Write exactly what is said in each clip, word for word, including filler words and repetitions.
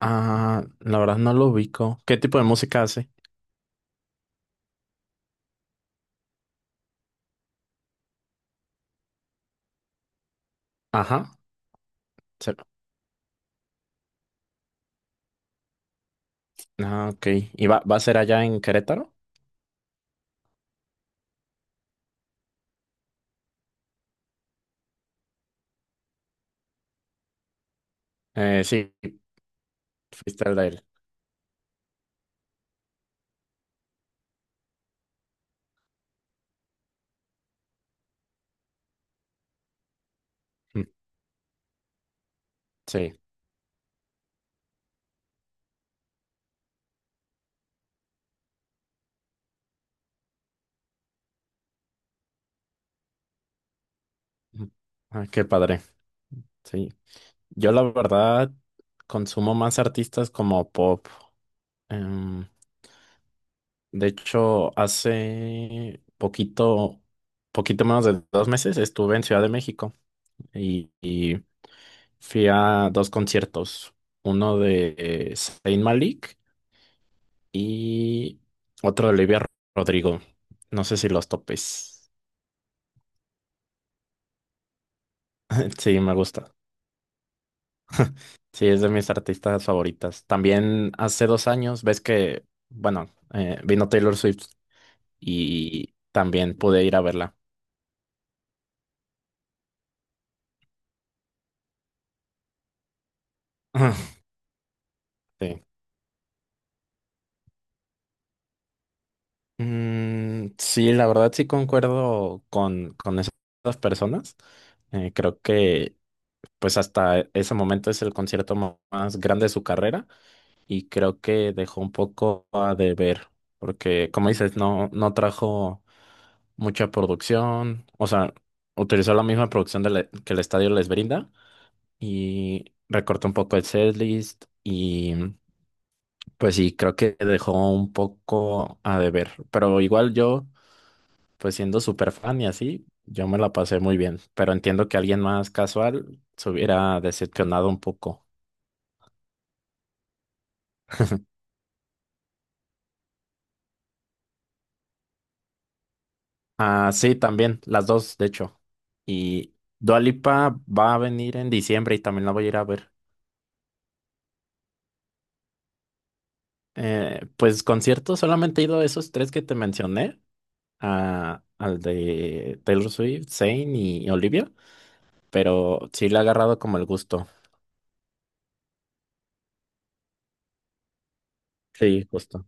Ah, la verdad no lo ubico. ¿Qué tipo de música hace? Ajá. se- Ah, ok. ¿Y va, va a ser allá en Querétaro? Eh, sí, fuiste al de él. Mm, sí. Mm. Ah, qué padre. Sí. Yo la verdad consumo más artistas como pop. Em, de hecho, hace poquito, poquito menos de dos meses estuve en Ciudad de México y, y fui a dos conciertos. Uno de Saint Malik y otro de Olivia Rodrigo. No sé si los topes. Sí, me gusta. Sí, es de mis artistas favoritas. También hace dos años, ves que, bueno, eh, vino Taylor Swift y también pude ir a verla. Sí. Mm, sí, la verdad sí concuerdo con, con esas personas. Eh, creo que pues hasta ese momento es el concierto mo- más grande de su carrera. Y creo que dejó un poco a deber, porque como dices, no, no trajo mucha producción, o sea, utilizó la misma producción de la- que el estadio les brinda y recortó un poco el setlist y pues sí, creo que dejó un poco a deber, pero igual yo, pues siendo súper fan y así, yo me la pasé muy bien, pero entiendo que alguien más casual se hubiera decepcionado un poco. Ah, sí, también, las dos, de hecho. Y Dua Lipa va a venir en diciembre y también la voy a ir a ver. Eh, pues conciertos, solamente he ido a esos tres que te mencioné, a- al de Taylor Swift, Zayn y Olivia, pero sí le ha agarrado como el gusto. Sí, justo.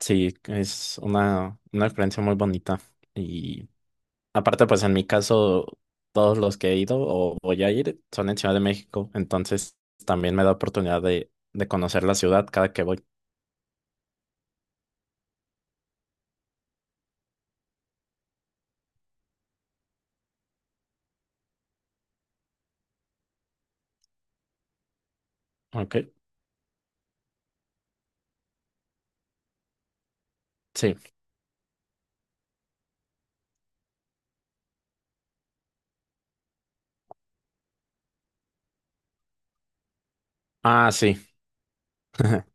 Sí, es una, una experiencia muy bonita. Y aparte, pues en mi caso, todos los que he ido o voy a ir son en Ciudad de México, entonces también me da oportunidad de, de conocer la ciudad cada que voy. Ok, sí. Ah, sí.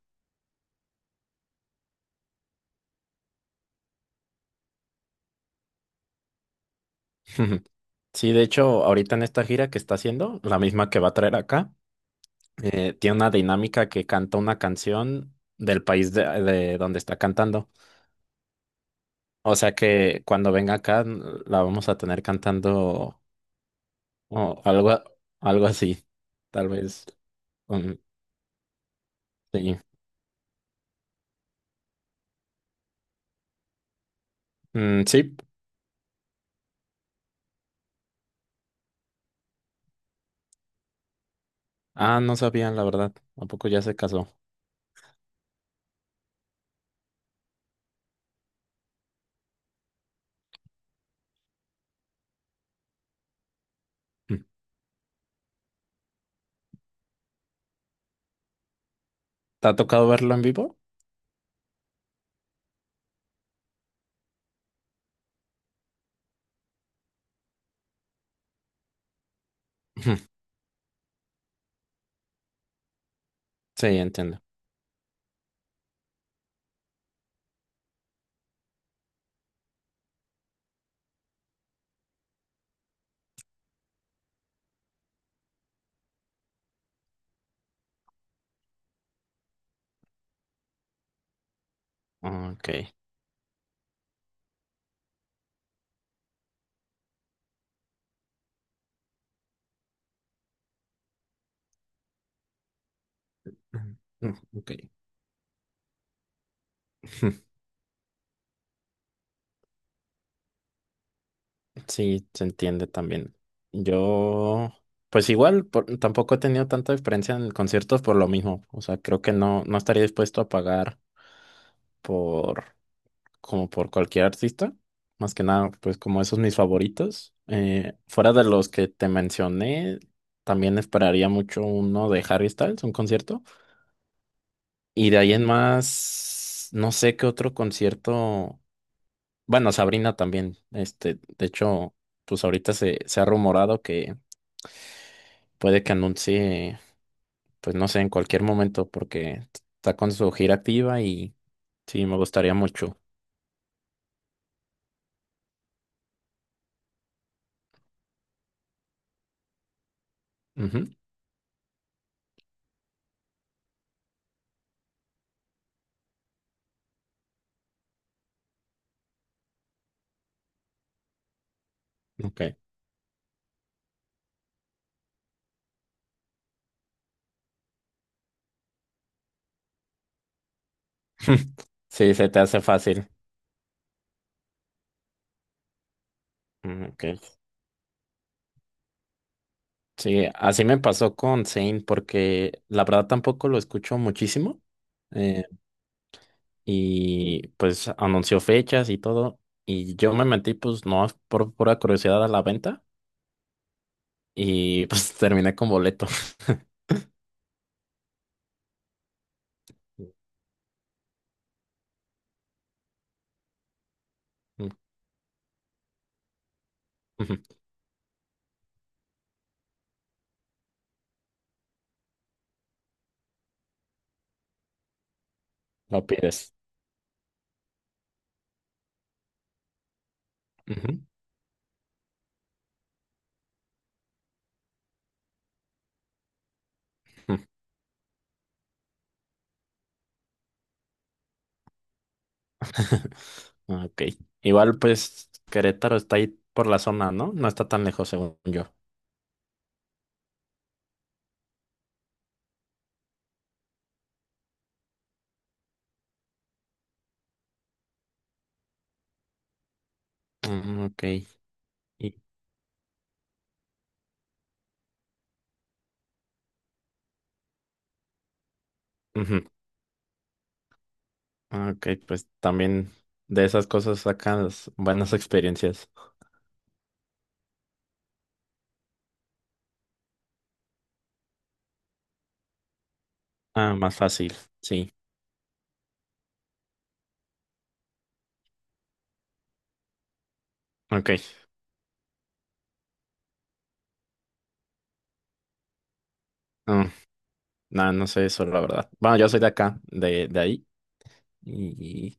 Sí, de hecho, ahorita en esta gira que está haciendo, la misma que va a traer acá, eh, tiene una dinámica que canta una canción del país de, de donde está cantando. O sea que cuando venga acá n- la vamos a tener cantando o algo, algo así, tal vez. um, sí. Mm, sí. Ah, no sabían, la verdad. ¿A poco ya se casó? Mm. ¿Te ha tocado verlo en vivo? Ujú. Sí, entiendo. Ok. Mm, ok. Ujú. Sí, se entiende también. Yo, pues igual, por- tampoco he tenido tanta experiencia en conciertos por lo mismo. O sea, creo que no, no estaría dispuesto a pagar por como por cualquier artista. Más que nada, pues como esos mis favoritos. Eh, fuera de los que te mencioné, también esperaría mucho uno de Harry Styles, un concierto. Y de ahí en más, no sé qué otro concierto. Bueno, Sabrina también. Este, de hecho, pues ahorita se, se ha rumorado que puede que anuncie, pues no sé, en cualquier momento, porque está con su gira activa y sí, me gustaría mucho. Ujú, ok. Sí, se te hace fácil. Mm, ok. Sí, así me pasó con Zane, porque la verdad tampoco lo escucho muchísimo. eh, y pues anunció fechas y todo. Y yo me metí, pues no por pura curiosidad a la venta. Y pues terminé con boleto. Ujú. Lo pides. Ujú, ujú. Ok. Igual, pues Querétaro está ahí por la zona, ¿no? No está tan lejos, según yo. Mm, ok. Y- Ujú. Ah, ok, pues también de esas cosas sacas buenas experiencias. Ah, más fácil, sí. Ok. No, nada, no sé eso, la verdad. Bueno, yo soy de acá, de, de ahí. Y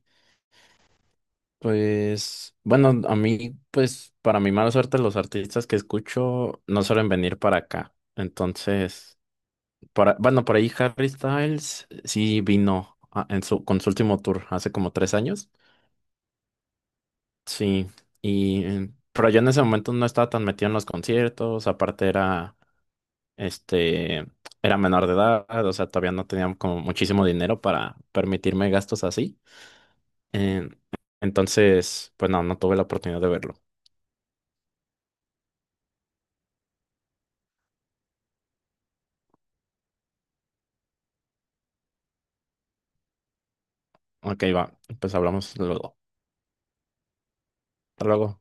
pues, bueno, a mí, pues, para mi mala suerte, los artistas que escucho no suelen venir para acá. Entonces, para, bueno, por ahí Harry Styles sí vino ah, en su, con su último tour hace como tres años. Sí, y eh, pero yo en ese momento no estaba tan metido en los conciertos, aparte era este era menor de edad, o sea, todavía no tenía como muchísimo dinero para permitirme gastos así. Eh, entonces, pues no, no tuve la oportunidad de verlo. Ok, va, pues hablamos luego. Hasta luego.